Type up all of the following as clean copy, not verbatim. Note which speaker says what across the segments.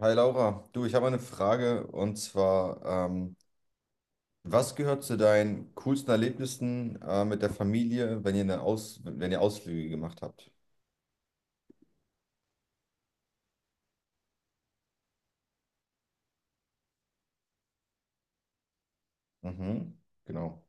Speaker 1: Hi Laura, du, ich habe eine Frage und zwar, was gehört zu deinen coolsten Erlebnissen, mit der Familie, wenn ihr eine Aus wenn ihr Ausflüge gemacht habt? Mhm, genau.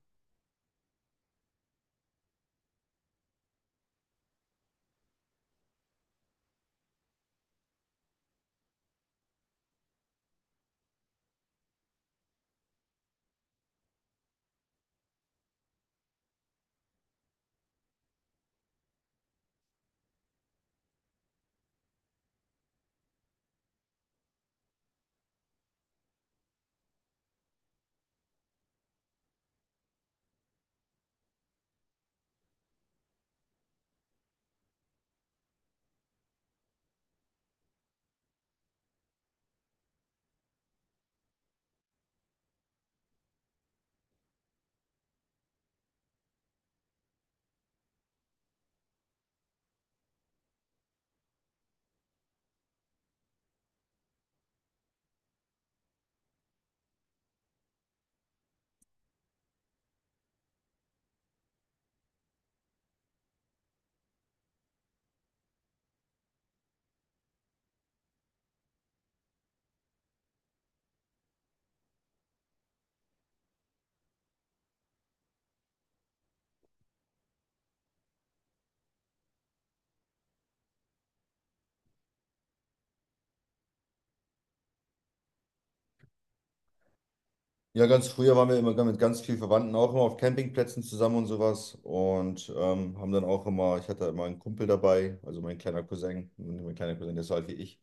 Speaker 1: Ja, ganz früher waren wir immer mit ganz vielen Verwandten auch immer auf Campingplätzen zusammen und sowas, und haben dann auch immer, ich hatte immer einen Kumpel dabei, also mein kleiner Cousin, der ist so alt wie ich.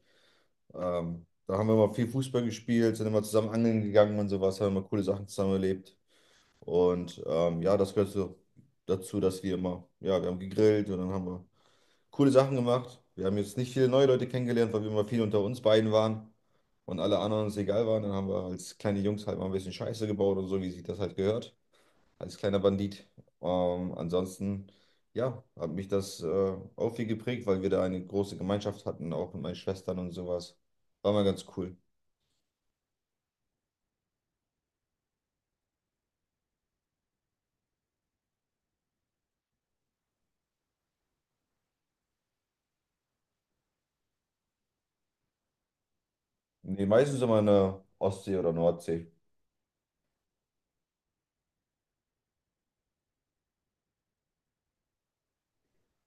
Speaker 1: Da haben wir immer viel Fußball gespielt, sind immer zusammen angeln gegangen und sowas, haben immer coole Sachen zusammen erlebt. Und ja, das gehört so dazu, dass wir immer, ja, wir haben gegrillt und dann haben wir coole Sachen gemacht. Wir haben jetzt nicht viele neue Leute kennengelernt, weil wir immer viel unter uns beiden waren und alle anderen uns egal waren. Dann haben wir als kleine Jungs halt mal ein bisschen Scheiße gebaut und so, wie sich das halt gehört, als kleiner Bandit. Ansonsten, ja, hat mich das, auch viel geprägt, weil wir da eine große Gemeinschaft hatten, auch mit meinen Schwestern und sowas. War mal ganz cool. Nee, meistens immer in der Ostsee oder Nordsee.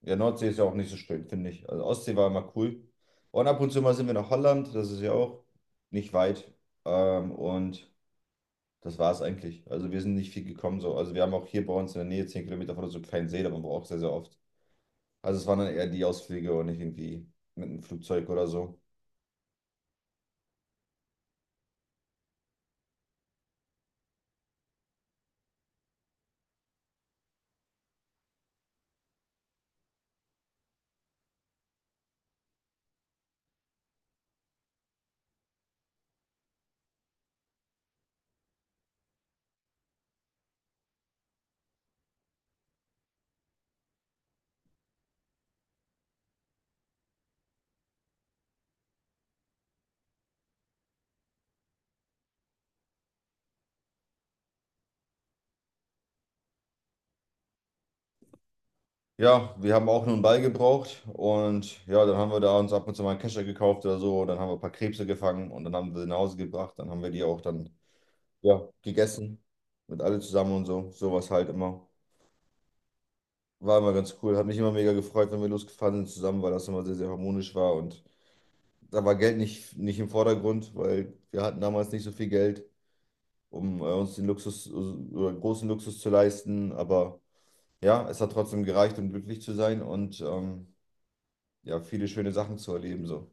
Speaker 1: Ja, Nordsee ist ja auch nicht so schön, finde ich. Also Ostsee war immer cool. Und ab und zu mal sind wir nach Holland, das ist ja auch nicht weit. Und das war es eigentlich. Also wir sind nicht viel gekommen so. Also wir haben auch hier bei uns in der Nähe, 10 Kilometer von uns, so einen kleinen See, da waren wir auch sehr, sehr oft. Also es waren dann eher die Ausflüge und nicht irgendwie mit einem Flugzeug oder so. Ja, wir haben auch nur einen Ball gebraucht und ja, dann haben wir da uns ab und zu mal einen Kescher gekauft oder so. Und dann haben wir ein paar Krebse gefangen und dann haben wir sie nach Hause gebracht. Dann haben wir die auch dann, ja, gegessen. Mit alle zusammen und so. Sowas halt immer. War immer ganz cool. Hat mich immer mega gefreut, wenn wir losgefahren sind zusammen, weil das immer sehr, sehr harmonisch war. Und da war Geld nicht im Vordergrund, weil wir hatten damals nicht so viel Geld, um, uns den Luxus oder großen Luxus zu leisten. Aber ja, es hat trotzdem gereicht, um glücklich zu sein und ja, viele schöne Sachen zu erleben. So.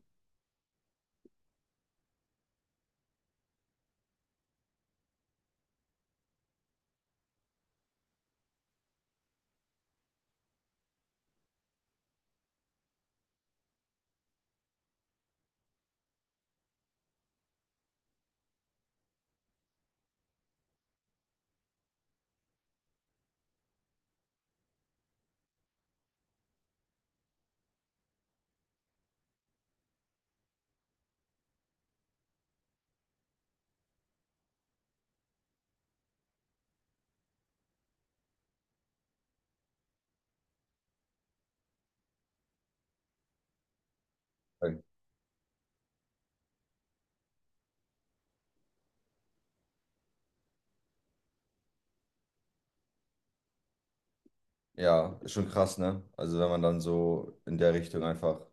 Speaker 1: Ja, ist schon krass, ne? Also wenn man dann so in der Richtung einfach,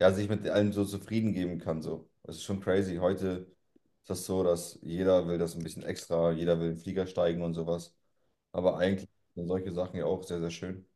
Speaker 1: ja, sich mit allem so zufrieden geben kann. So. Das ist schon crazy. Heute ist das so, dass jeder will das ein bisschen extra, jeder will in den Flieger steigen und sowas. Aber eigentlich sind solche Sachen ja auch sehr, sehr schön.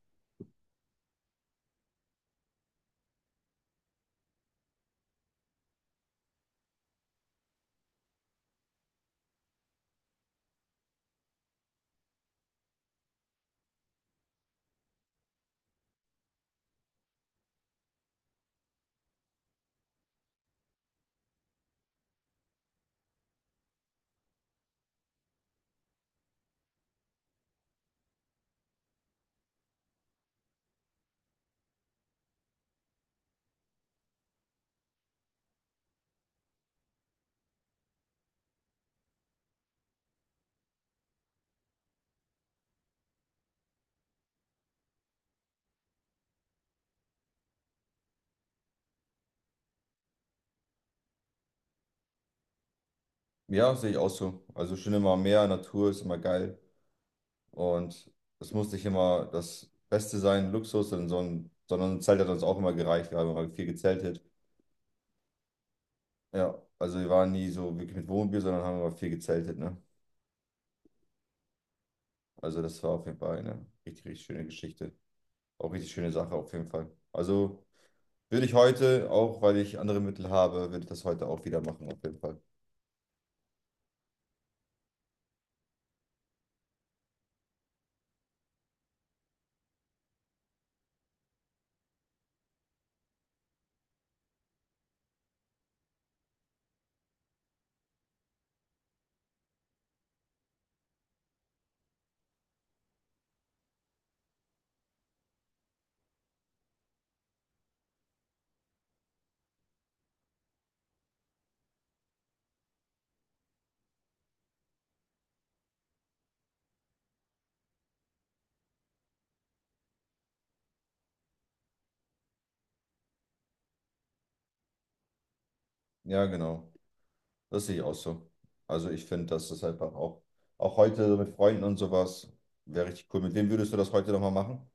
Speaker 1: Ja, sehe ich auch so. Also schön, immer mehr Natur ist immer geil. Und es muss nicht immer das Beste sein, Luxus, sondern sondern ein Zelt hat uns auch immer gereicht. Wir haben immer viel gezeltet. Ja, also wir waren nie so wirklich mit Wohnmobil, sondern haben immer viel gezeltet, ne? Also das war auf jeden Fall eine richtig, richtig schöne Geschichte. Auch richtig schöne Sache auf jeden Fall. Also würde ich heute, auch weil ich andere Mittel habe, würde ich das heute auch wieder machen, auf jeden Fall. Ja, genau. Das sehe ich auch so. Also ich finde, das ist einfach auch, auch heute mit Freunden und sowas, wäre richtig cool. Mit wem würdest du das heute nochmal machen?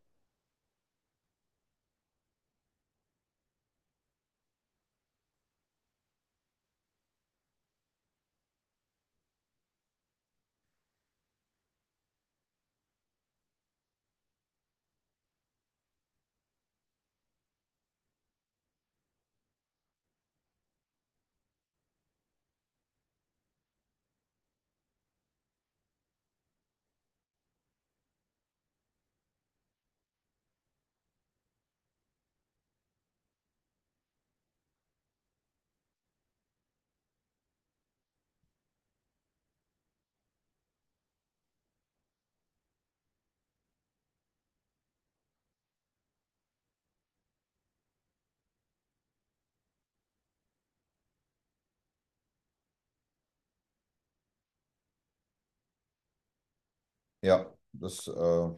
Speaker 1: Ja, das,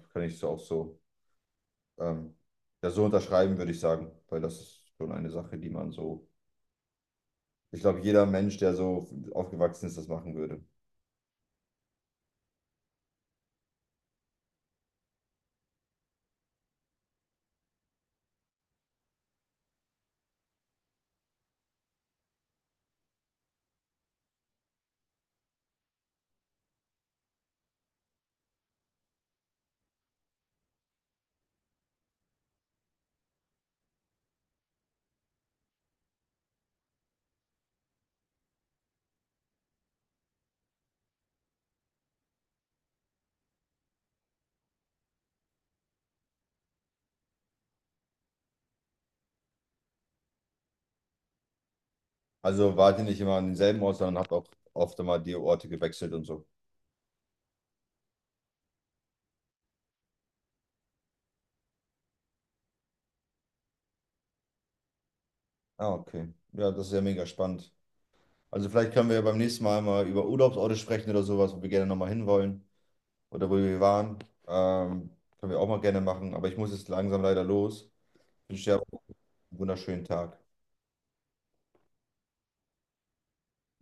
Speaker 1: kann ich so auch so, ähm, ja, so unterschreiben, würde ich sagen, weil das ist schon eine Sache, die man so, ich glaube, jeder Mensch, der so aufgewachsen ist, das machen würde. Also wart ihr nicht immer an denselben Ort, sondern habt auch oft immer die Orte gewechselt und so. Ah, okay. Ja, das ist ja mega spannend. Also vielleicht können wir ja beim nächsten Mal mal über Urlaubsorte sprechen oder sowas, wo wir gerne nochmal hinwollen oder wo wir waren. Ähm, Können wir auch mal gerne machen, aber ich muss jetzt langsam leider los. Ich wünsche dir aber einen wunderschönen Tag.